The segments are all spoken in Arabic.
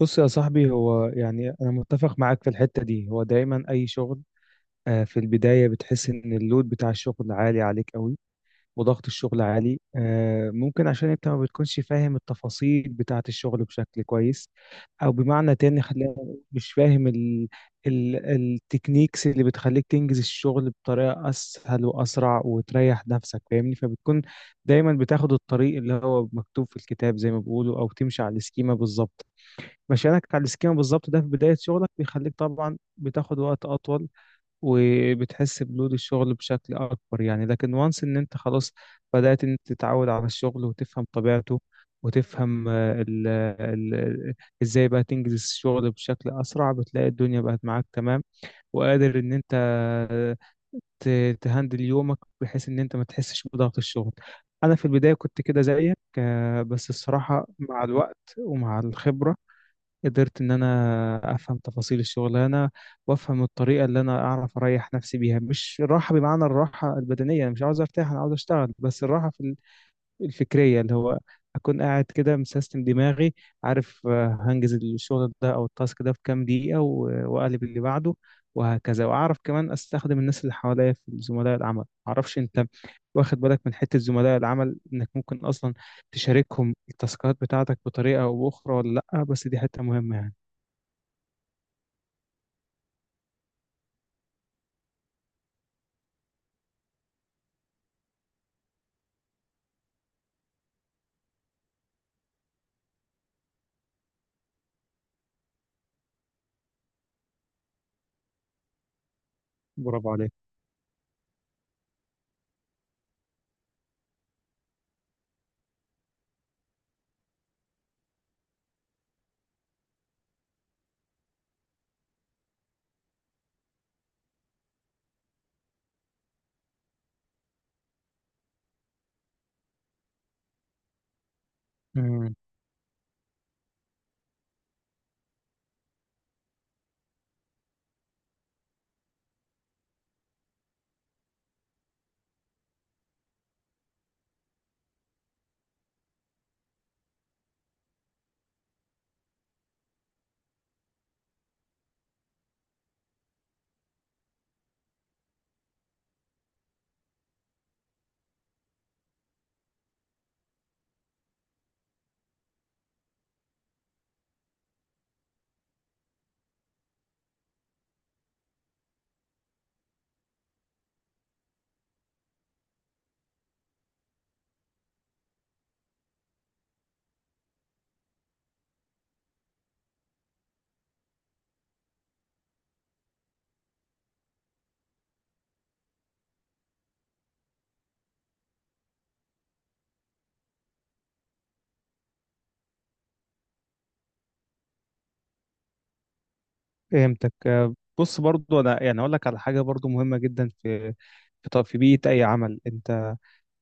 بص يا صاحبي، هو يعني أنا متفق معاك في الحتة دي. هو دايما أي شغل، في البداية بتحس إن اللود بتاع الشغل عالي عليك قوي، وضغط الشغل عالي. ممكن عشان أنت ما بتكونش فاهم التفاصيل بتاعة الشغل بشكل كويس، أو بمعنى تاني خلينا نقول مش فاهم ال التكنيكس اللي بتخليك تنجز الشغل بطريقة أسهل وأسرع وتريح نفسك، فاهمني؟ فبتكون دايما بتاخد الطريق اللي هو مكتوب في الكتاب زي ما بيقولوا، أو تمشي على السكيمة بالظبط. مشيانك على السكيما بالظبط ده في بداية شغلك بيخليك طبعا بتاخد وقت أطول، وبتحس بلود الشغل بشكل أكبر يعني. لكن وانس إن أنت خلاص بدأت إن أنت تتعود على الشغل وتفهم طبيعته، وتفهم إزاي بقى تنجز الشغل بشكل أسرع. بتلاقي الدنيا بقت معاك تمام، وقادر إن أنت آه، تهندل يومك بحيث إن أنت ما تحسش بضغط الشغل. أنا في البداية كنت كده زيك، بس الصراحة مع الوقت ومع الخبرة قدرت إن أنا أفهم تفاصيل الشغلانة، وأفهم الطريقة اللي أنا أعرف أريح نفسي بيها. مش الراحة بمعنى الراحة البدنية، أنا مش عاوز أرتاح، أنا عاوز أشتغل، بس الراحة في الفكرية، اللي هو أكون قاعد كده مسيستم دماغي، عارف، هنجز الشغل ده أو التاسك ده في كام دقيقة وأقلب اللي بعده، وهكذا. وأعرف كمان أستخدم الناس اللي حواليا في زملاء العمل. معرفش أنت واخد بالك من حتة زملاء العمل إنك ممكن أصلا تشاركهم التاسكات بتاعتك بطريقة أو أخرى ولا لأ، بس دي حتة مهمة يعني. برافو عليك. امم، فهمتك. بص برضو، انا يعني اقول لك على حاجه برضو مهمه جدا في في بيئه اي عمل. انت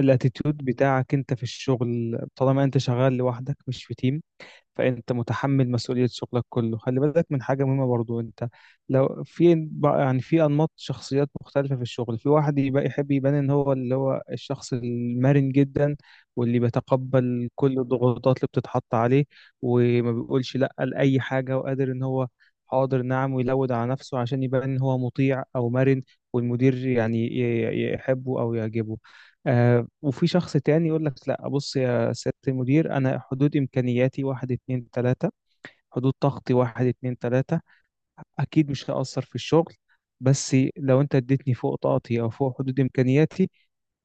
الاتيتيود بتاعك انت في الشغل طالما انت شغال لوحدك مش في تيم، فانت متحمل مسؤولية شغلك كله. خلي بالك من حاجة مهمة برضو. انت لو في يعني في انماط شخصيات مختلفة في الشغل، في واحد يبقى يحب يبان ان هو اللي هو الشخص المرن جدا، واللي بيتقبل كل الضغوطات اللي بتتحط عليه، وما بيقولش لا لأي حاجة، وقادر ان هو حاضر نعم، ويلود على نفسه عشان يبان ان هو مطيع او مرن، والمدير يعني يحبه او يعجبه. وفي شخص تاني يقول لك لا، بص سيادة المدير، أنا حدود إمكانياتي واحد اتنين تلاتة، حدود طاقتي واحد اتنين تلاتة. أكيد مش هأثر في الشغل، بس لو أنت اديتني فوق طاقتي أو فوق حدود إمكانياتي،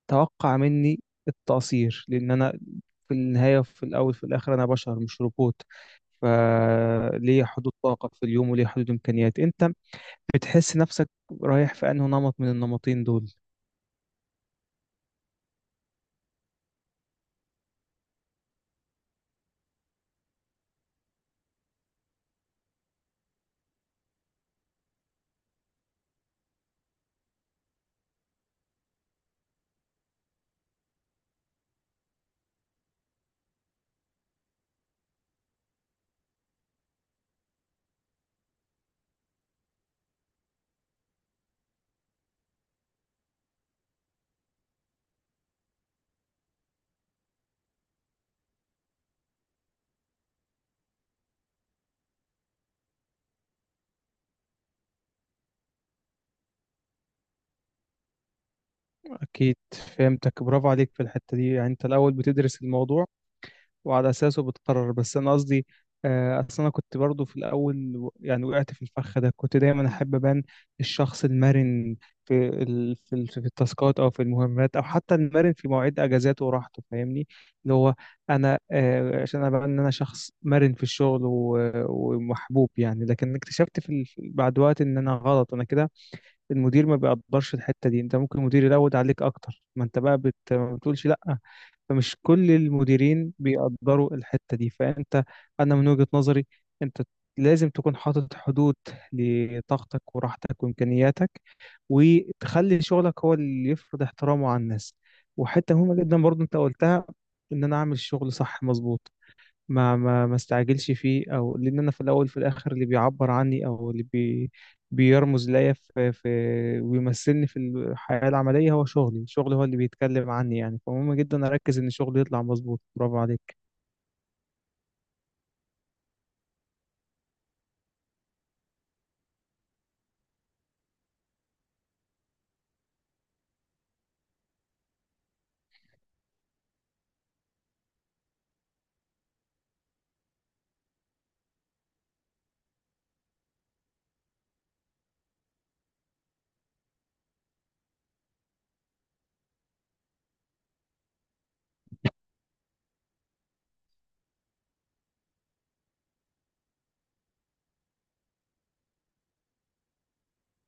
توقع مني التقصير، لأن أنا في النهاية، في الأول في الآخر، أنا بشر مش روبوت، فليا حدود طاقة في اليوم وليا حدود إمكانيات. أنت بتحس نفسك رايح في أنه نمط من النمطين دول؟ أكيد، فهمتك، برافو عليك في الحتة دي. يعني أنت الأول بتدرس الموضوع وعلى أساسه بتقرر. بس أنا قصدي أصل أنا كنت برضو في الأول يعني وقعت في الفخ ده. كنت دايما أحب أبان الشخص المرن في التاسكات أو في المهمات، أو حتى المرن في مواعيد أجازاته وراحته، فاهمني؟ اللي هو أنا عشان أبان إن أنا شخص مرن في الشغل ومحبوب يعني. لكن اكتشفت في بعد وقت إن أنا غلط أنا كده. المدير ما بيقدرش الحتة دي. انت ممكن المدير يلود عليك اكتر ما انت بقى ما بتقولش لا، فمش كل المديرين بيقدروا الحتة دي. فانت انا من وجهة نظري، انت لازم تكون حاطط حدود لطاقتك وراحتك وامكانياتك، وتخلي شغلك هو اللي يفرض احترامه على الناس. وحتة مهمة جدا برضو انت قلتها، ان انا اعمل شغل صح مظبوط، ما استعجلش فيه، او لان انا في الاول في الاخر اللي بيعبر عني او اللي بيرمز ليا في في ويمثلني في الحياة العملية هو شغلي. شغلي هو اللي بيتكلم عني يعني، فمهم جدا اركز ان شغلي يطلع مظبوط. برافو عليك.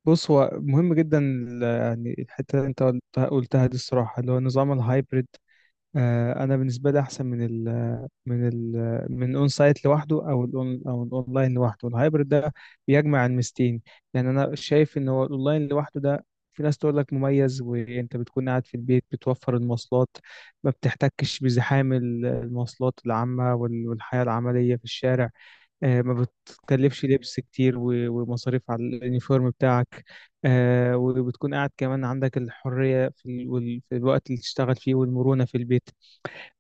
بص، هو مهم جدا يعني الحتة اللي انت قلتها قلتها دي، الصراحة، اللي هو نظام الهايبرد. انا بالنسبة لي احسن من من ال من الاون سايت لوحده، او الاونلاين لوحده. الهايبرد ده بيجمع الميزتين. يعني انا شايف ان هو الاونلاين لوحده ده في ناس تقول لك مميز، وانت بتكون قاعد في البيت، بتوفر المواصلات، ما بتحتكش بزحام المواصلات العامة والحياة العملية في الشارع. ما بتكلفش لبس كتير ومصاريف على اليونيفورم بتاعك. وبتكون قاعد كمان عندك الحرية في في الوقت اللي تشتغل فيه، والمرونة في البيت.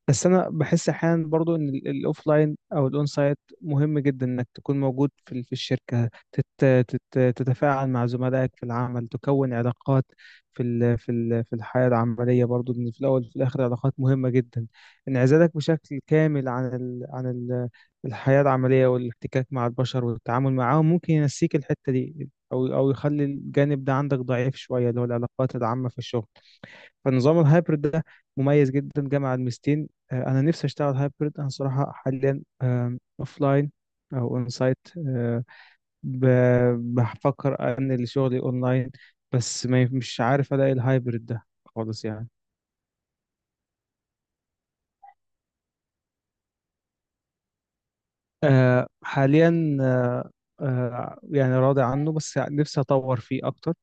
بس انا بحس احيانا برضو ان الاوف لاين او الاون سايت مهم جدا انك تكون موجود في في الشركه، تت تت تتفاعل مع زملائك في العمل، تكون علاقات في الحياه العمليه. برضو ان في الاول وفي الاخر علاقات مهمه جدا. انعزالك بشكل كامل عن الحياه العمليه والاحتكاك مع البشر والتعامل معاهم ممكن ينسيك الحته دي، او يخلي الجانب ده عندك ضعيف شويه، اللي هو العلاقات العامه في الشغل. فنظام الهايبرد ده مميز جدا، جامع الميزتين. انا نفسي اشتغل هايبرد. انا صراحه حاليا اوف لاين او اون سايت، بفكر انقل شغلي اونلاين. بس ما مش عارف الاقي الهايبرد ده خالص يعني. حاليا، يعني راضي عنه، بس نفسي اطور فيه اكتر.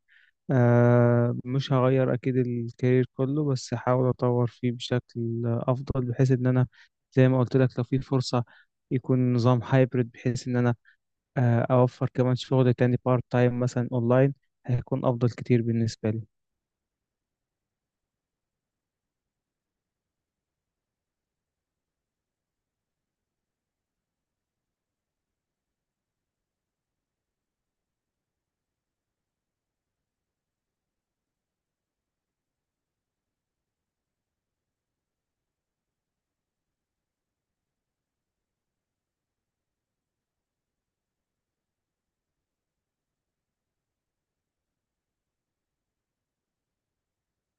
مش هغير أكيد الكارير كله، بس هحاول أطور فيه بشكل أفضل، بحيث إن أنا زي ما قلت لك، لو في فرصة يكون نظام هايبرد بحيث إن أنا أوفر كمان شغل تاني بارت تايم مثلا أونلاين. هيكون أفضل كتير بالنسبة لي.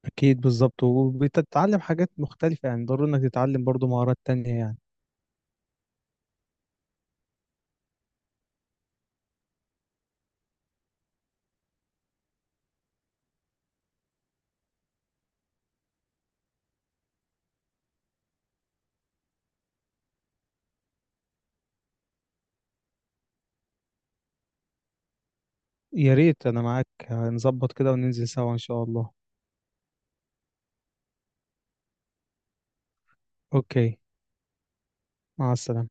أكيد بالظبط، وبتتعلم حاجات مختلفة يعني. ضروري إنك تتعلم برضو مهارات تانية يعني. يا ريت، أنا معاك، هنظبط كده وننزل سوا إن شاء الله. أوكي. مع السلامة.